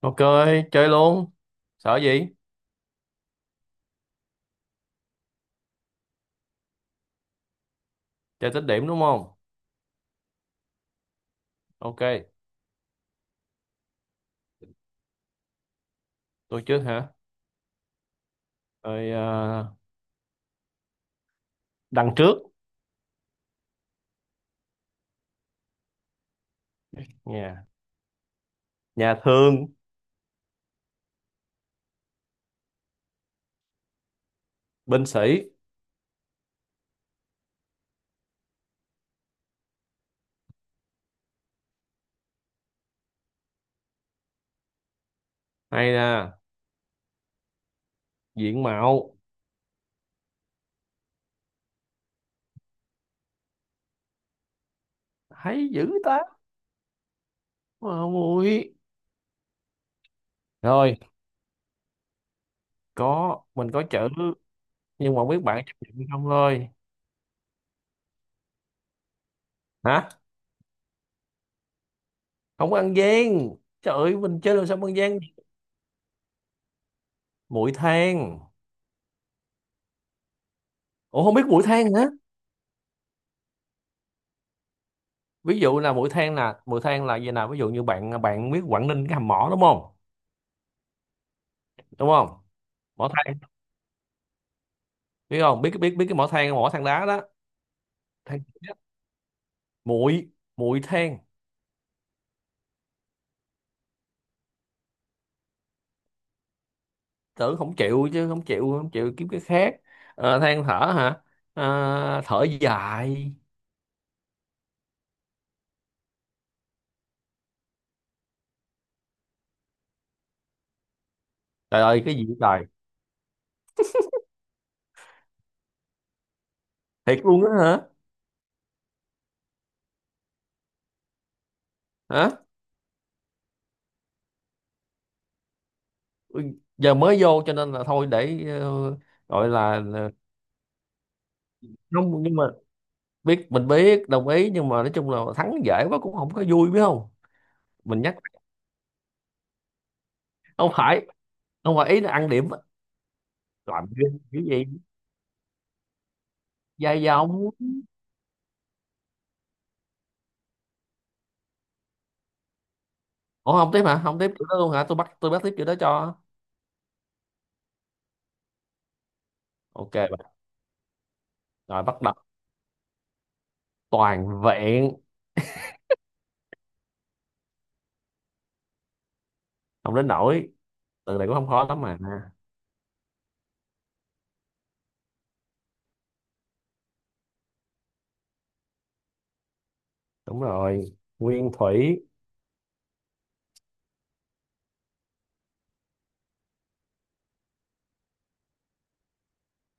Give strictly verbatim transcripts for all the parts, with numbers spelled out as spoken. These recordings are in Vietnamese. Ok, chơi luôn. Sợ gì? Chơi tích điểm đúng không? Ok, tôi trước hả? Rồi à, đằng trước nhà nhà thương, binh sĩ hay là diện mạo hay dữ ta. Mà không ui. Rồi, có mình có chữ nhưng mà không biết bạn chấp nhận hay không thôi. Hả? Không có ăn gian. Trời ơi, mình chơi làm sao mà ăn gian? Muội than. Ủa không biết muội than hả? Ví dụ là muội than là muội than là gì nào? Ví dụ như bạn bạn biết Quảng Ninh cái hầm mỏ đúng không? Đúng không? Mỏ than, biết không biết biết biết cái mỏ than, mỏ than đá đó. Than, muội, muội than. Tử không chịu, chứ không chịu, không chịu kiếm cái khác. Ờ, than thở hả, à, thở dài. Trời ơi cái gì vậy trời. Thiệt luôn á hả? Hả? Ừ, giờ mới vô cho nên là thôi để ờ, gọi là là- Không, nhưng mà biết mình biết đồng ý, nhưng mà nói chung là thắng dễ quá cũng không có vui, biết không. Mình nhắc không phải, không phải ý là ăn điểm, làm cái gì dài dòng. Ủa không tiếp hả? Không tiếp kiểu đó luôn hả? Tôi bắt tôi bắt tiếp kiểu đó cho. Ok bạn. Rồi bắt đọc toàn vẹn. Không đến nỗi. Từ này cũng không khó lắm mà. Đúng rồi. Nguyên thủy,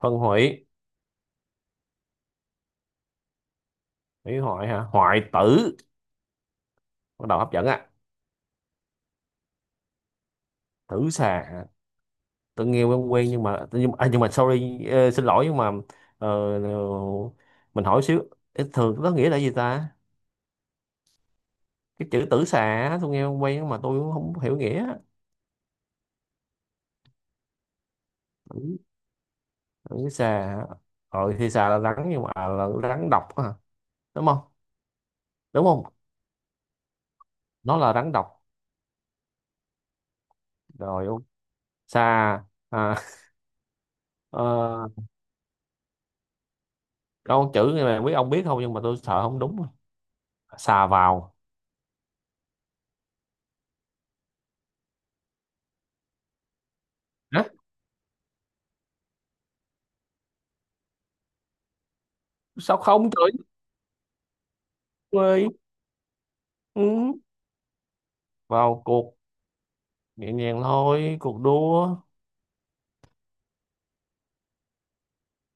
phân hủy, hủy hoại hả? Hoại tử. Bắt đầu hấp dẫn á. Tử xà. Hả? Tôi nghe quen quen nhưng mà nhưng mà, à, nhưng mà sorry ờ, xin lỗi nhưng mà ờ, ờ, mình hỏi xíu. Ê, thường nó nghĩa là gì ta? Cái chữ tử xà á, tôi nghe quen nhưng mà tôi cũng không hiểu nghĩa. Tử, tử xà. Hả? Ờ thì xà là rắn, nhưng mà à, là rắn độc hả? Đúng không? Đúng không? Nó là rắn độc. Rồi ông, xà, à, ờ, câu chữ này mà biết, ông biết không nhưng mà tôi sợ không đúng. Xà vào. Hả? Sao không trời ơi. Ừ. Vào cuộc, nhẹ nhàng thôi, cuộc đua.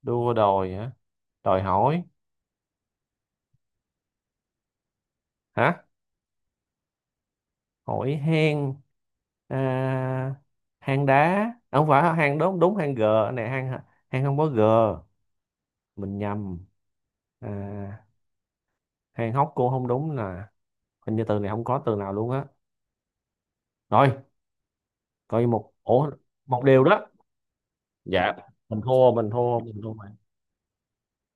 Đua đòi hả, đòi hỏi. Hả? Hỏi hang, à, hang đá, à, không phải hang. Đúng đúng, hang g, này hang, hang không có g, mình nhầm. À, hang hóc cô không đúng. Là hình như từ này không có từ nào luôn á. Rồi, coi một ổ, một điều đó. Dạ, mình thua mình thua mình thua mà.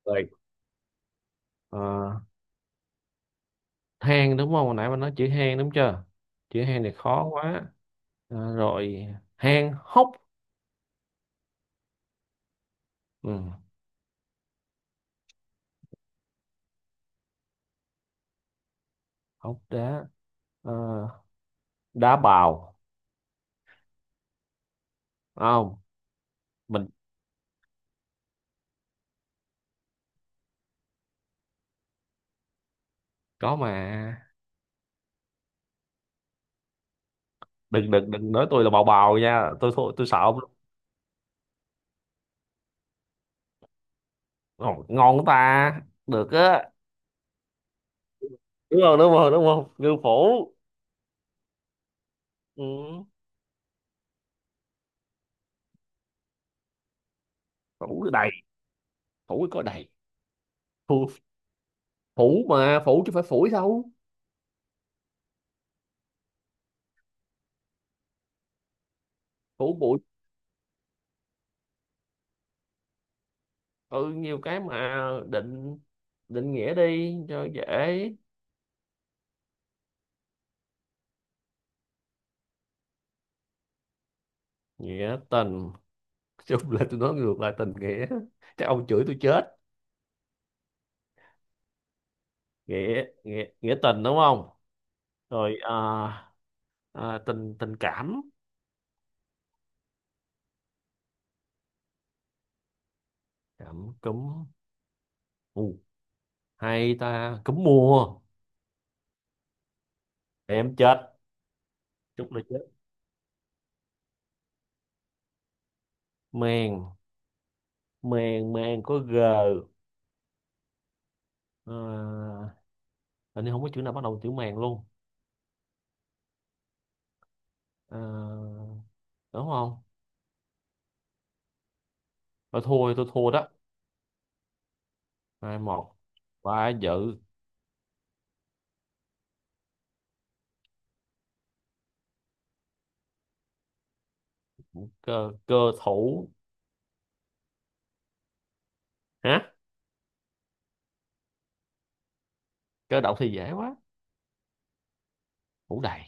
Rồi. Ờ, than đúng không, hồi nãy mình nói chữ than đúng chưa, chữ than này khó quá. Ờ, rồi than hốc. Ừ, hốc đá. Ờ, đá bào. Không, mình có mà. Đừng đừng đừng nói tôi là bào bào nha, tôi tôi, tôi sợ ông. Ngon ta. Được á. Đúng không đúng không đúng không, ngư phủ. Ừ. Phủ đầy, phủ có đầy, phủ, phủ mà phủ chứ phải phủi đâu. Phủ bụi. Ừ nhiều cái mà. Định, định nghĩa đi cho dễ. Nghĩa tình. Nói chung là tôi nói ngược lại, tình nghĩa, chắc ông chửi tôi chết. Nghĩa, nghĩa nghĩa tình đúng không. Rồi à, à, tình, tình cảm. Cảm cúm. U, hay ta, cúm mùa. Em chết. Chúc là chết. Mèn, mèn, mèn có g, à, hình như không có chữ nào bắt đầu chữ mèn luôn, à, đúng không. Thôi thua, tôi thua đó. Hai một, quá dữ. Cơ, cơ thủ hả? Cơ động thì dễ quá. Thủ đầy.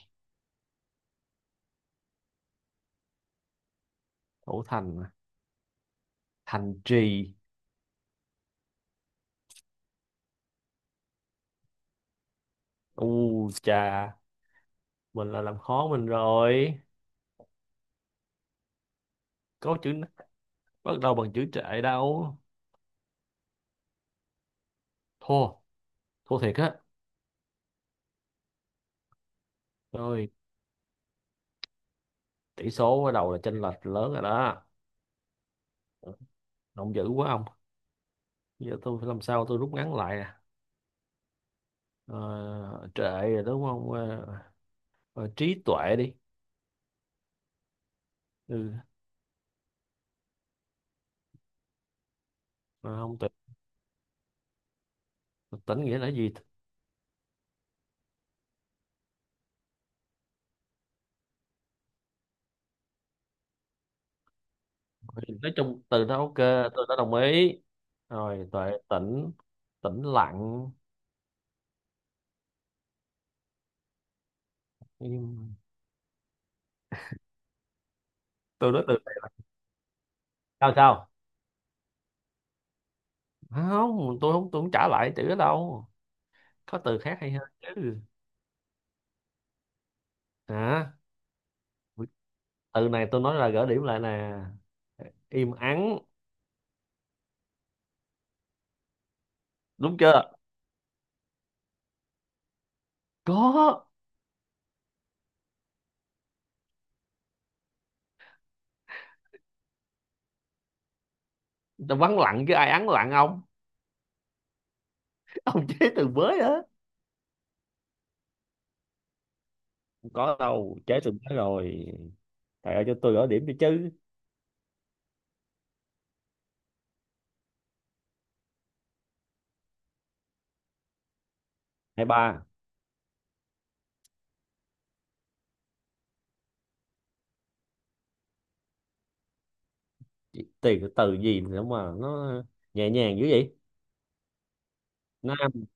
Thủ thành mà. Thành trì. U chà, mình là làm khó mình rồi. Có chữ bắt đầu bằng chữ trệ đâu. Thua. Thua thiệt á. Rồi, tỷ số bắt đầu là chênh lệch lớn rồi đó. Động dữ quá ông. Giờ tôi phải làm sao, tôi rút ngắn lại nè. Ờ, trệ rồi đúng không. Ờ, ờ, Trí tuệ đi. Ừ mà không, tuệ tỉnh nghĩa là gì? Thì nói chung từ đó ok, tôi đã đồng ý. Rồi, tuệ tĩnh, tĩnh lặng. Im. Tôi nói từ này sao sao? Không, tôi không tôi không trả lại chữ đó đâu. Có từ khác hay hơn chứ. Hả? Từ này tôi nói là gỡ điểm lại nè. Im ắng. Đúng chưa. Có. Tôi vắng lặng chứ ai ắng lặng ông. Ông chế từ mới á. Không có đâu, chế từ mới rồi, thầy ơi cho tôi gỡ điểm đi chứ. Hai ba. Chỉ tiền từ gì nữa mà nó nhẹ nhàng dữ vậy. Nó ăn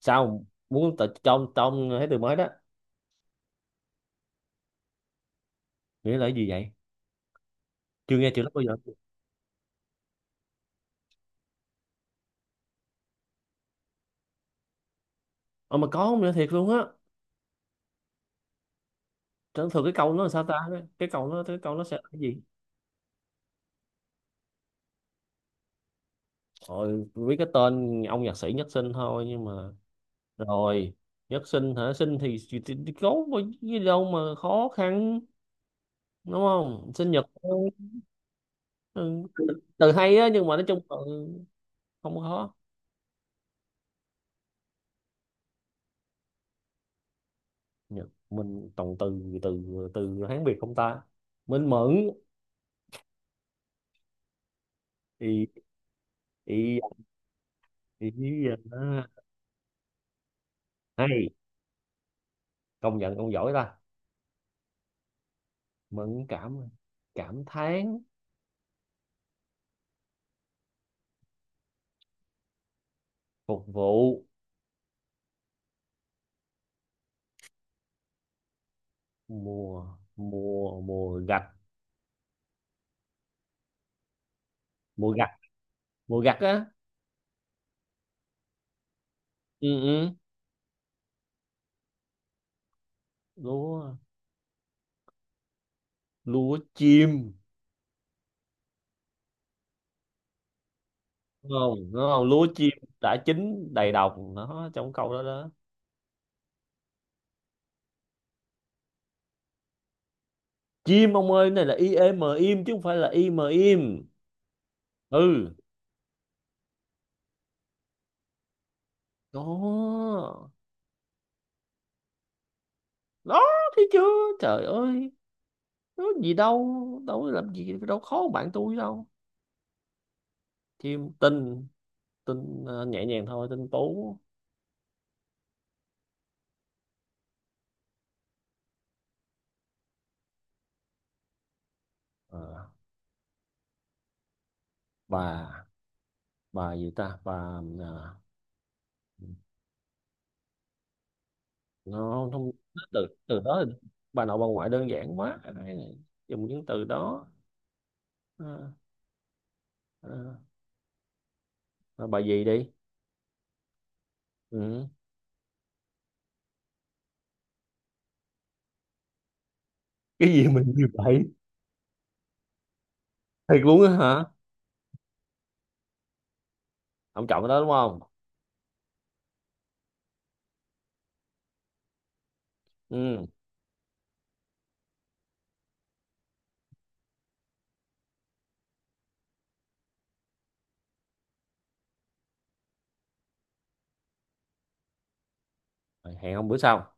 sao muốn tự trong trong thấy từ mới đó. Nghĩa là cái gì vậy? Chưa nghe chữ đó bao giờ. Ờ mà có không nữa, thiệt luôn á. Chẳng thường cái câu nó là sao ta? Cái câu nó cái câu nó sẽ là cái gì? Rồi biết cái tên ông nhạc sĩ Nhất Sinh thôi nhưng mà rồi. Nhất Sinh hả? Sinh thì, thì, thì, thì, có gì đâu mà khó khăn, đúng không. Sinh nhật thôi. Ừ. Từ hay á nhưng mà nói chung là không có khó. Nhật mình, toàn từ từ từ Hán Việt không ta. Mình mẫn. Ý, ý. Thì vậy đó. Hay, công nhận ông giỏi ta. Mẫn cảm. Cảm thán. Phục vụ. Mùa, mùa mùa gặt. Mùa gặt, mùa gặt á. Ừ, ừ. Lúa, lúa chim. Đúng không đúng không, lúa chim đã chín đầy đồng, nó trong câu đó đó. Chim ông ơi, cái này là i e m im chứ không phải là i m im. Ừ. Đó đó, thấy chưa. Trời ơi, có gì đâu, đâu có làm gì đâu khó bằng bạn tôi đâu. Chim tinh. Tính, ờ, nhẹ nhàng thôi, tính tú. Ờ, bà bà gì ta, bà, à, nó không không- Từ từ đó thì bà nội bà ngoại đơn giản quá. Đây này, dùng những từ đó. Ờ, ờ, Rồi bà gì đi. Ừ. Cái gì mình như vậy. Thiệt luôn á hả. Ông chọn cái đó đúng không. Ừ. Rồi, hẹn ông bữa sau.